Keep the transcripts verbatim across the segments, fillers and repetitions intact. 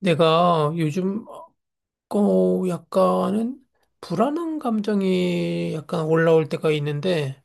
내가 요즘 어 약간은 불안한 감정이 약간 올라올 때가 있는데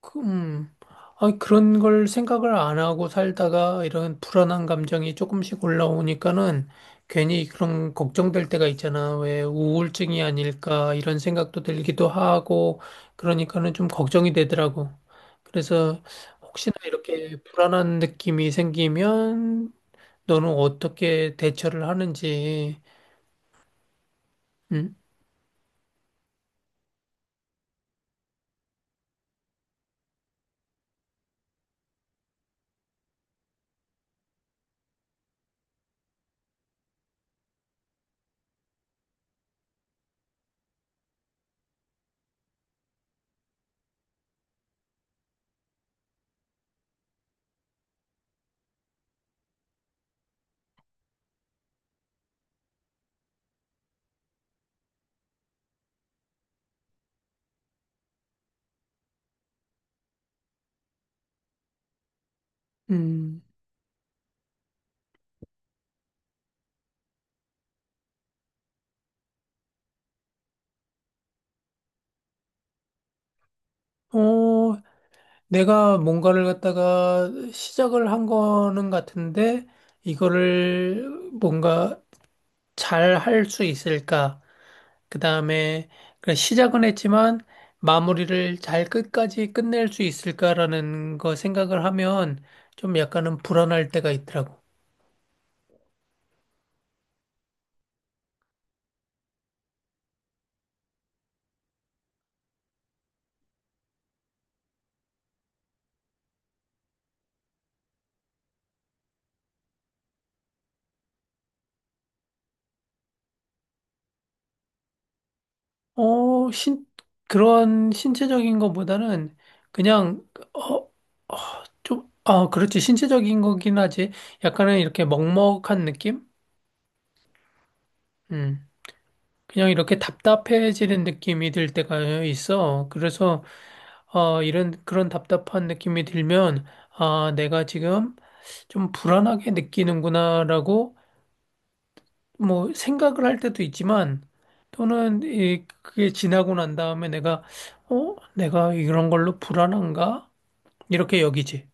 그, 음, 아, 그런 걸 생각을 안 하고 살다가 이런 불안한 감정이 조금씩 올라오니까는 괜히 그런 걱정될 때가 있잖아. 왜 우울증이 아닐까 이런 생각도 들기도 하고 그러니까는 좀 걱정이 되더라고. 그래서 혹시나 이렇게 불안한 느낌이 생기면 너는 어떻게 대처를 하는지. 음, 음. 어, 내가 뭔가를 갖다가 시작을 한 거는 같은데, 이거를 뭔가 잘 할 수 있을까? 그 다음에, 시작은 했지만, 마무리를 잘 끝까지 끝낼 수 있을까라는 거 생각을 하면, 좀 약간은 불안할 때가 있더라고. 어, 신, 그런 신체적인 것보다는, 그냥, 어, 좀, 아, 그렇지. 신체적인 거긴 하지. 약간은 이렇게 먹먹한 느낌? 음. 그냥 이렇게 답답해지는 느낌이 들 때가 있어. 그래서, 어, 이런, 그런 답답한 느낌이 들면, 아, 내가 지금 좀 불안하게 느끼는구나라고, 뭐, 생각을 할 때도 있지만, 또는, 이, 그게 지나고 난 다음에 내가, 어, 내가 이런 걸로 불안한가? 이렇게 여기지.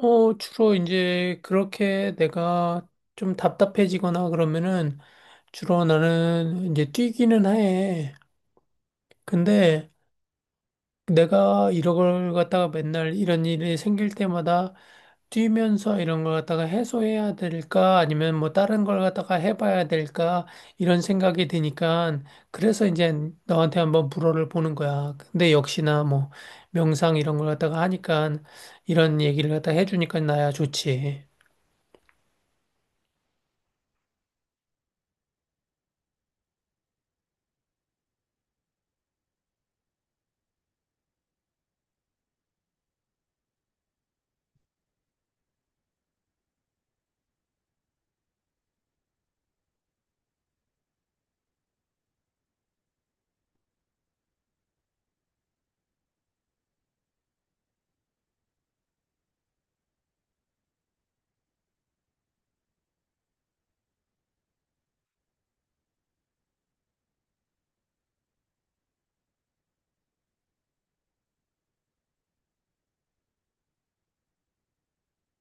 어, 주로 이제 그렇게 내가 좀 답답해지거나 그러면은 주로 나는 이제 뛰기는 해. 근데 내가 이런 걸 갖다가 맨날 이런 일이 생길 때마다 뛰면서 이런 걸 갖다가 해소해야 될까 아니면 뭐 다른 걸 갖다가 해봐야 될까 이런 생각이 드니까 그래서 이제 너한테 한번 물어를 보는 거야. 근데 역시나 뭐 명상 이런 걸 갖다가 하니까 이런 얘기를 갖다가 해주니까 나야 좋지.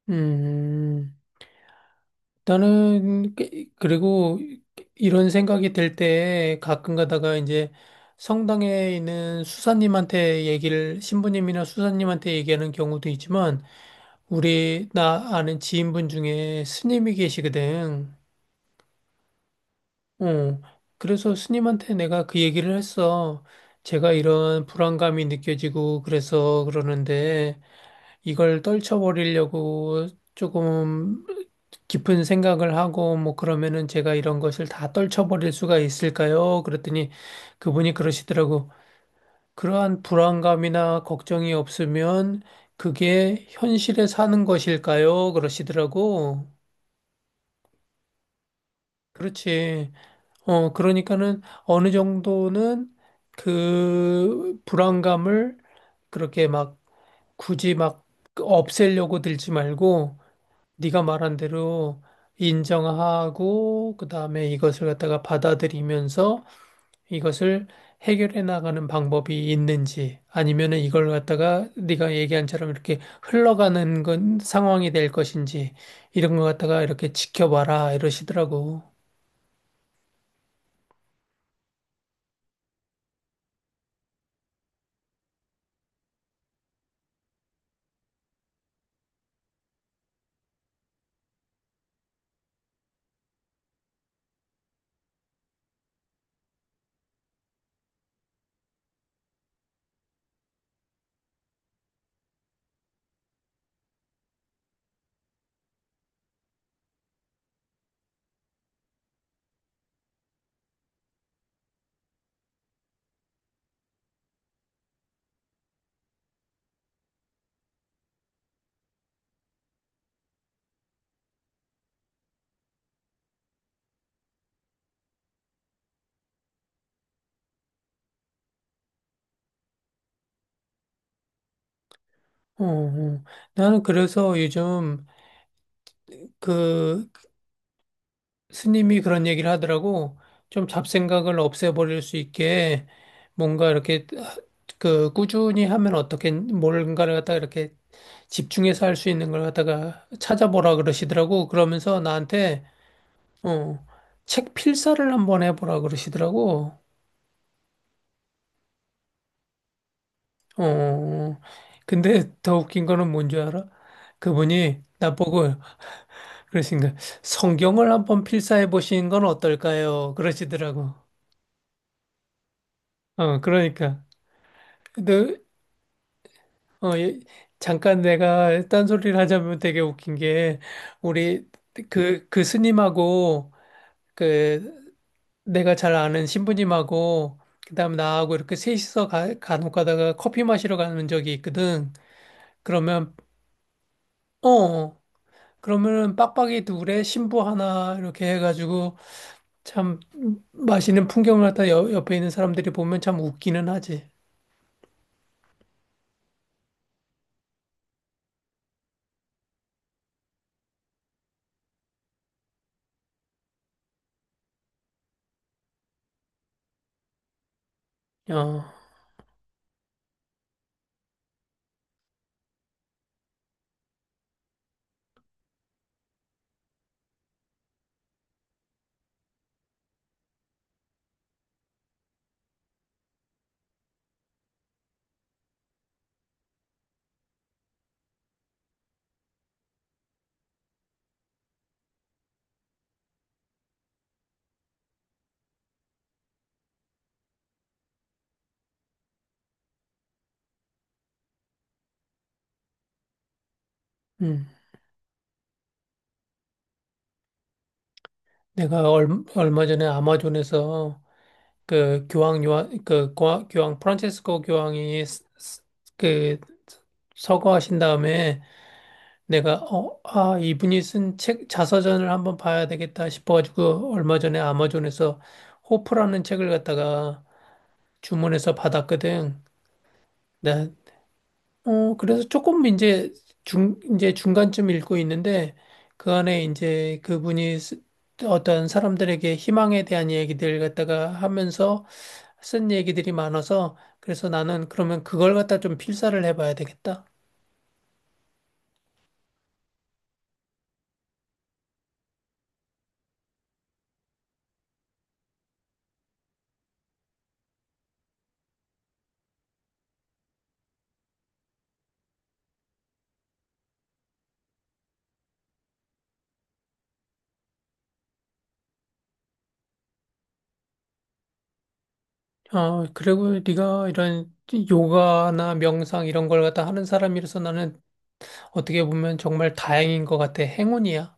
음, 나는, 그- 그리고 이런 생각이 들 때 가끔 가다가 이제 성당에 있는 수사님한테 얘기를, 신부님이나 수사님한테 얘기하는 경우도 있지만, 우리, 나 아는 지인분 중에 스님이 계시거든. 어, 그래서 스님한테 내가 그 얘기를 했어. 제가 이런 불안감이 느껴지고, 그래서 그러는데, 이걸 떨쳐버리려고 조금 깊은 생각을 하고 뭐 그러면은 제가 이런 것을 다 떨쳐버릴 수가 있을까요? 그랬더니 그분이 그러시더라고. 그러한 불안감이나 걱정이 없으면 그게 현실에 사는 것일까요? 그러시더라고. 그렇지. 어, 그러니까는 어느 정도는 그 불안감을 그렇게 막 굳이 막 없애려고 들지 말고 네가 말한 대로 인정하고 그다음에 이것을 갖다가 받아들이면서 이것을 해결해 나가는 방법이 있는지 아니면은 이걸 갖다가 네가 얘기한처럼 이렇게 흘러가는 건 상황이 될 것인지 이런 거 갖다가 이렇게 지켜봐라 이러시더라고. 어, 어. 나는 그래서 요즘 그 스님이 그런 얘기를 하더라고. 좀 잡생각을 없애버릴 수 있게 뭔가 이렇게 그 꾸준히 하면 어떻게 뭔가를 갖다가 이렇게 집중해서 할 수 있는 걸 갖다가 찾아보라 그러시더라고. 그러면서 나한테 어, 책 필사를 한번 해보라 그러시더라고. 어, 근데 더 웃긴 거는 뭔 줄 알아? 그분이 나보고 그러신가 성경을 한번 필사해 보시는 건 어떨까요? 그러시더라고. 어, 그러니까. 근데 어, 예, 잠깐 내가 딴소리를 하자면 되게 웃긴 게, 우리 그, 그 스님하고, 그, 내가 잘 아는 신부님하고, 그 다음 나하고 이렇게 셋이서 가, 간혹 가다가 커피 마시러 가는 적이 있거든. 그러면, 어, 어. 그러면은 빡빡이 둘에 신부 하나 이렇게 해가지고, 참, 맛있는 풍경을 갖다 옆, 옆에 있는 사람들이 보면 참 웃기는 하지. 어, 음. 내가 얼, 얼마 전에 아마존에서 그 교황 요한 그 고아- 교황 프란체스코 교황이 스- 스- 그 서거하신 다음에 내가 어, 아, 이분이 쓴 책 자서전을 한번 봐야 되겠다 싶어가지고 얼마 전에 아마존에서 호프라는 책을 갖다가 주문해서 받았거든. 나 어, 그래서 조금 이제 중, 이제 중간쯤 읽고 있는데 그 안에 이제 그분이 쓰- 어떤 사람들에게 희망에 대한 얘기들 갖다가 하면서 쓴 얘기들이 많아서 그래서 나는 그러면 그걸 갖다 좀 필사를 해봐야 되겠다. 어, 그리고 네가 이런 요가나 명상 이런 걸 갖다 하는 사람이라서 나는 어떻게 보면 정말 다행인 것 같아. 행운이야.